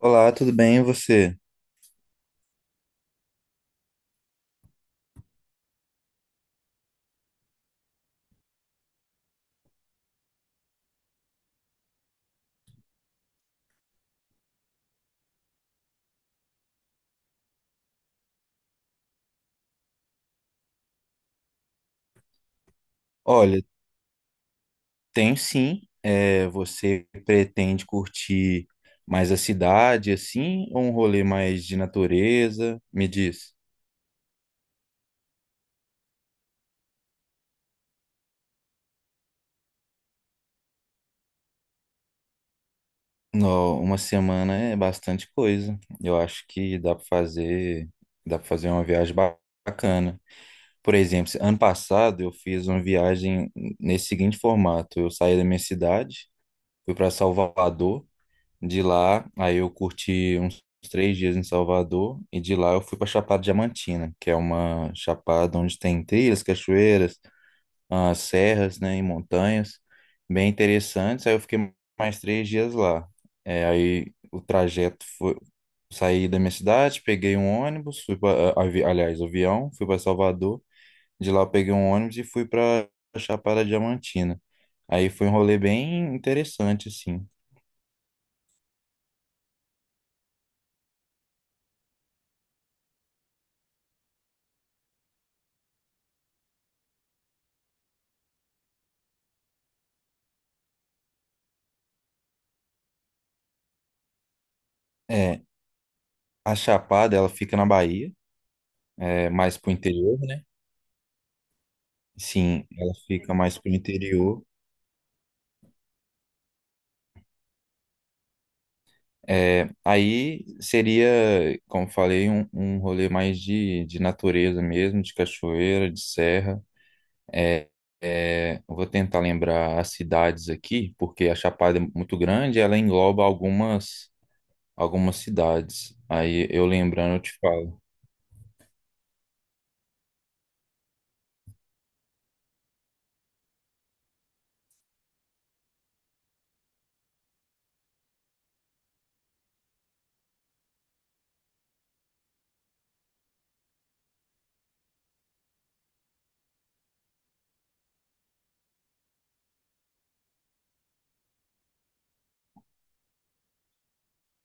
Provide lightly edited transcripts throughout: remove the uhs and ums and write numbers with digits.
Olá, tudo bem? E você? Olha, tenho sim. Você pretende curtir mais a cidade, assim, ou um rolê mais de natureza? Me diz. Não, uma semana é bastante coisa. Eu acho que dá para fazer uma viagem bacana. Por exemplo, ano passado eu fiz uma viagem nesse seguinte formato. Eu saí da minha cidade, fui para Salvador. De lá, aí eu curti uns 3 dias em Salvador e de lá eu fui para Chapada Diamantina, que é uma chapada onde tem trilhas, cachoeiras, serras, né, e montanhas, bem interessantes. Aí eu fiquei mais 3 dias lá. Aí o trajeto foi saí da minha cidade, peguei um ônibus, fui para, aliás, avião, fui para Salvador. De lá eu peguei um ônibus e fui para Chapada Diamantina. Aí foi um rolê bem interessante, assim. É, A Chapada, ela fica na Bahia, é, mais pro interior, né? Sim, ela fica mais pro interior. Aí seria, como falei, um rolê mais de natureza mesmo, de cachoeira, de serra. É, eu vou tentar lembrar as cidades aqui, porque a Chapada é muito grande, ela engloba algumas cidades. Aí eu lembrando, eu te falo.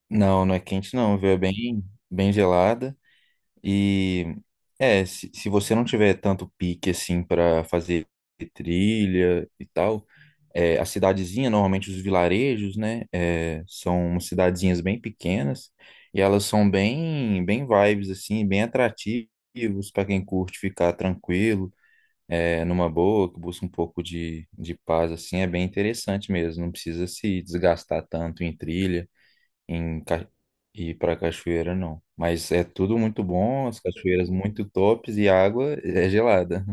Não, não é quente não, viu? É bem, bem gelada. E é, se você não tiver tanto pique assim para fazer trilha e tal, é, a cidadezinha, normalmente os vilarejos, né, é, são umas cidadezinhas bem pequenas e elas são bem, bem vibes assim, bem atrativos para quem curte ficar tranquilo, é, numa boa, que busca um pouco de paz assim, é bem interessante mesmo, não precisa se desgastar tanto em trilha em Ca- e para cachoeira não. Mas é tudo muito bom, as cachoeiras muito tops e a água é gelada.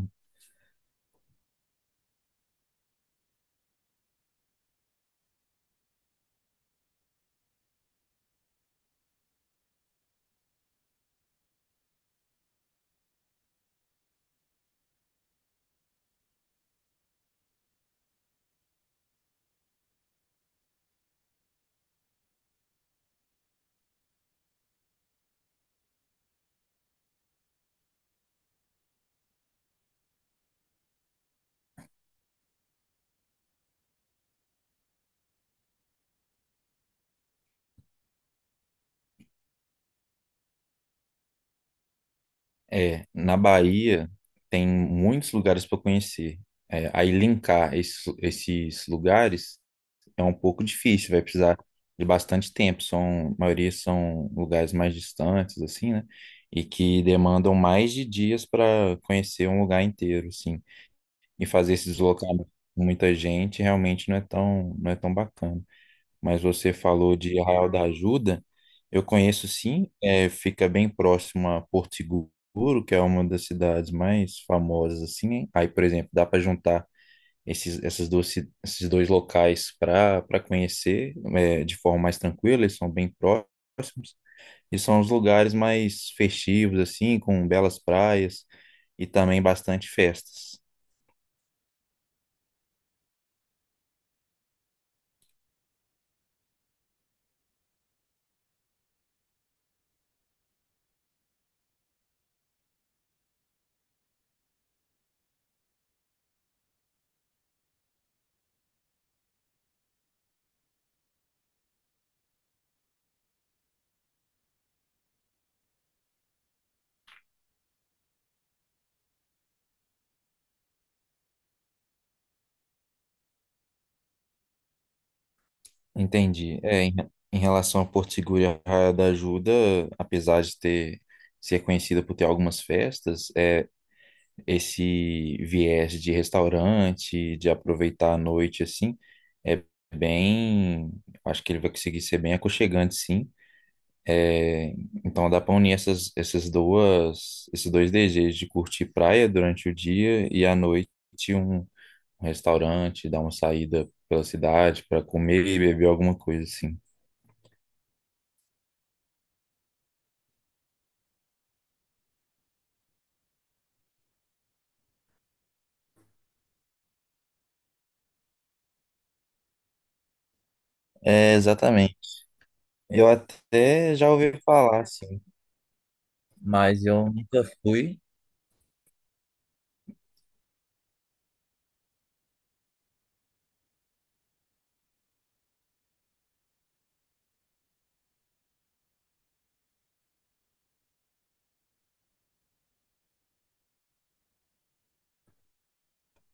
É, na Bahia tem muitos lugares para conhecer. Aí linkar esses lugares é um pouco difícil, vai precisar de bastante tempo. São, a maioria são lugares mais distantes, assim, né? E que demandam mais de dias para conhecer um lugar inteiro, assim. E fazer esse deslocamento com muita gente realmente não é tão, não é tão bacana. Mas você falou de Arraial da Ajuda. Eu conheço sim, é, fica bem próximo a Porto Seguro, que é uma das cidades mais famosas assim. Hein? Aí, por exemplo, dá para juntar esses, essas duas, ci- esses dois locais para conhecer é, de forma mais tranquila. Eles são bem próximos e são os lugares mais festivos assim, com belas praias e também bastante festas. Entendi. Em relação a Porto Seguro e a Raia da Ajuda, apesar de ter ser conhecida por ter algumas festas, é esse viés de restaurante, de aproveitar a noite assim, é bem, acho que ele vai conseguir ser bem aconchegante, sim. É, então dá para unir esses dois desejos de curtir praia durante o dia e à noite um, um restaurante, dar uma saída pela cidade para comer e beber alguma coisa assim. É, exatamente. Eu até já ouvi falar, assim, mas eu nunca fui.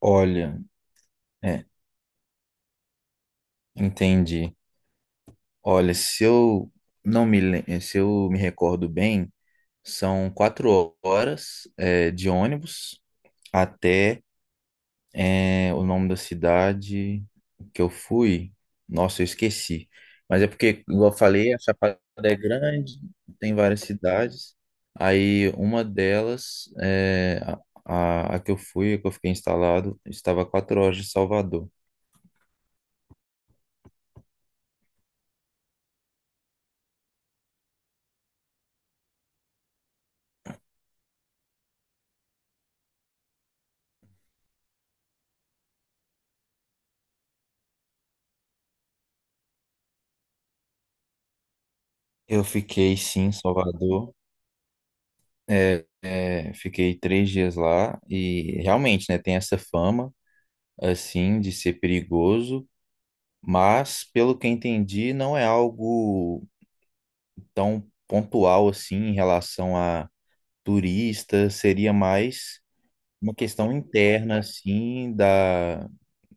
Olha, é, entendi. Olha, se eu me recordo bem, são 4 horas, é, de ônibus até É, o nome da cidade que eu fui, nossa, eu esqueci. Mas é porque, igual eu falei, a Chapada é grande, tem várias cidades. Aí uma delas, é, a que eu fui, a que eu fiquei instalado, estava a 4 horas de Salvador. Eu fiquei, sim, em Salvador. Fiquei 3 dias lá e realmente, né, tem essa fama, assim, de ser perigoso, mas, pelo que eu entendi, não é algo tão pontual assim em relação a turistas, seria mais uma questão interna assim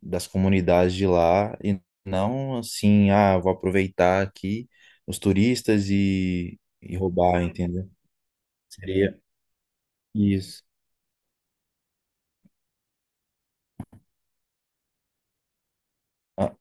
das comunidades de lá e não assim, ah, vou aproveitar aqui os turistas e roubar, entendeu? Seria isso. Ah,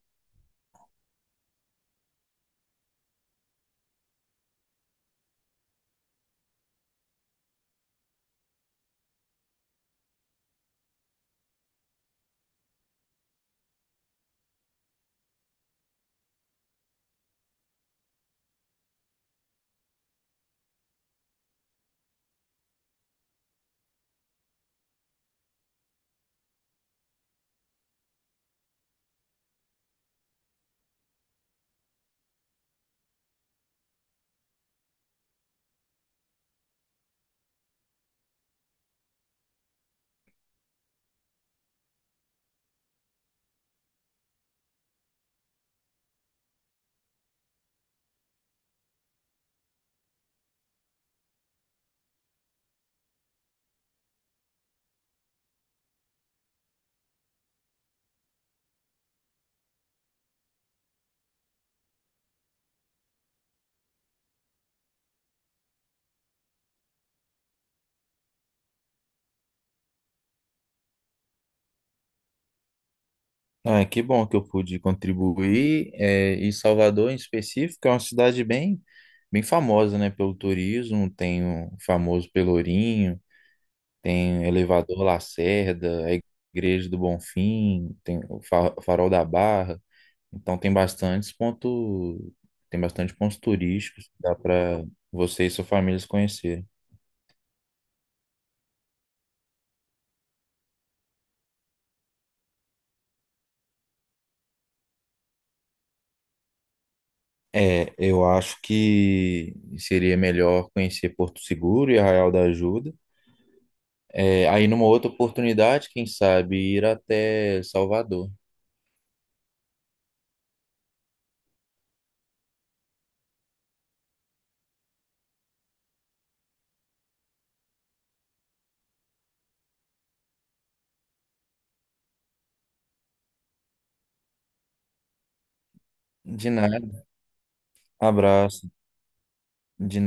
ah, que bom que eu pude contribuir. É, e Salvador, em específico, é uma cidade bem, bem famosa, né, pelo turismo. Tem o famoso Pelourinho, tem o Elevador Lacerda, a Igreja do Bonfim, tem o Farol da Barra. Então tem bastantes pontos, tem bastante pontos turísticos que dá para você e sua família se conhecerem. É, eu acho que seria melhor conhecer Porto Seguro e Arraial da Ajuda. É, aí numa outra oportunidade, quem sabe ir até Salvador. De nada. Abraço. De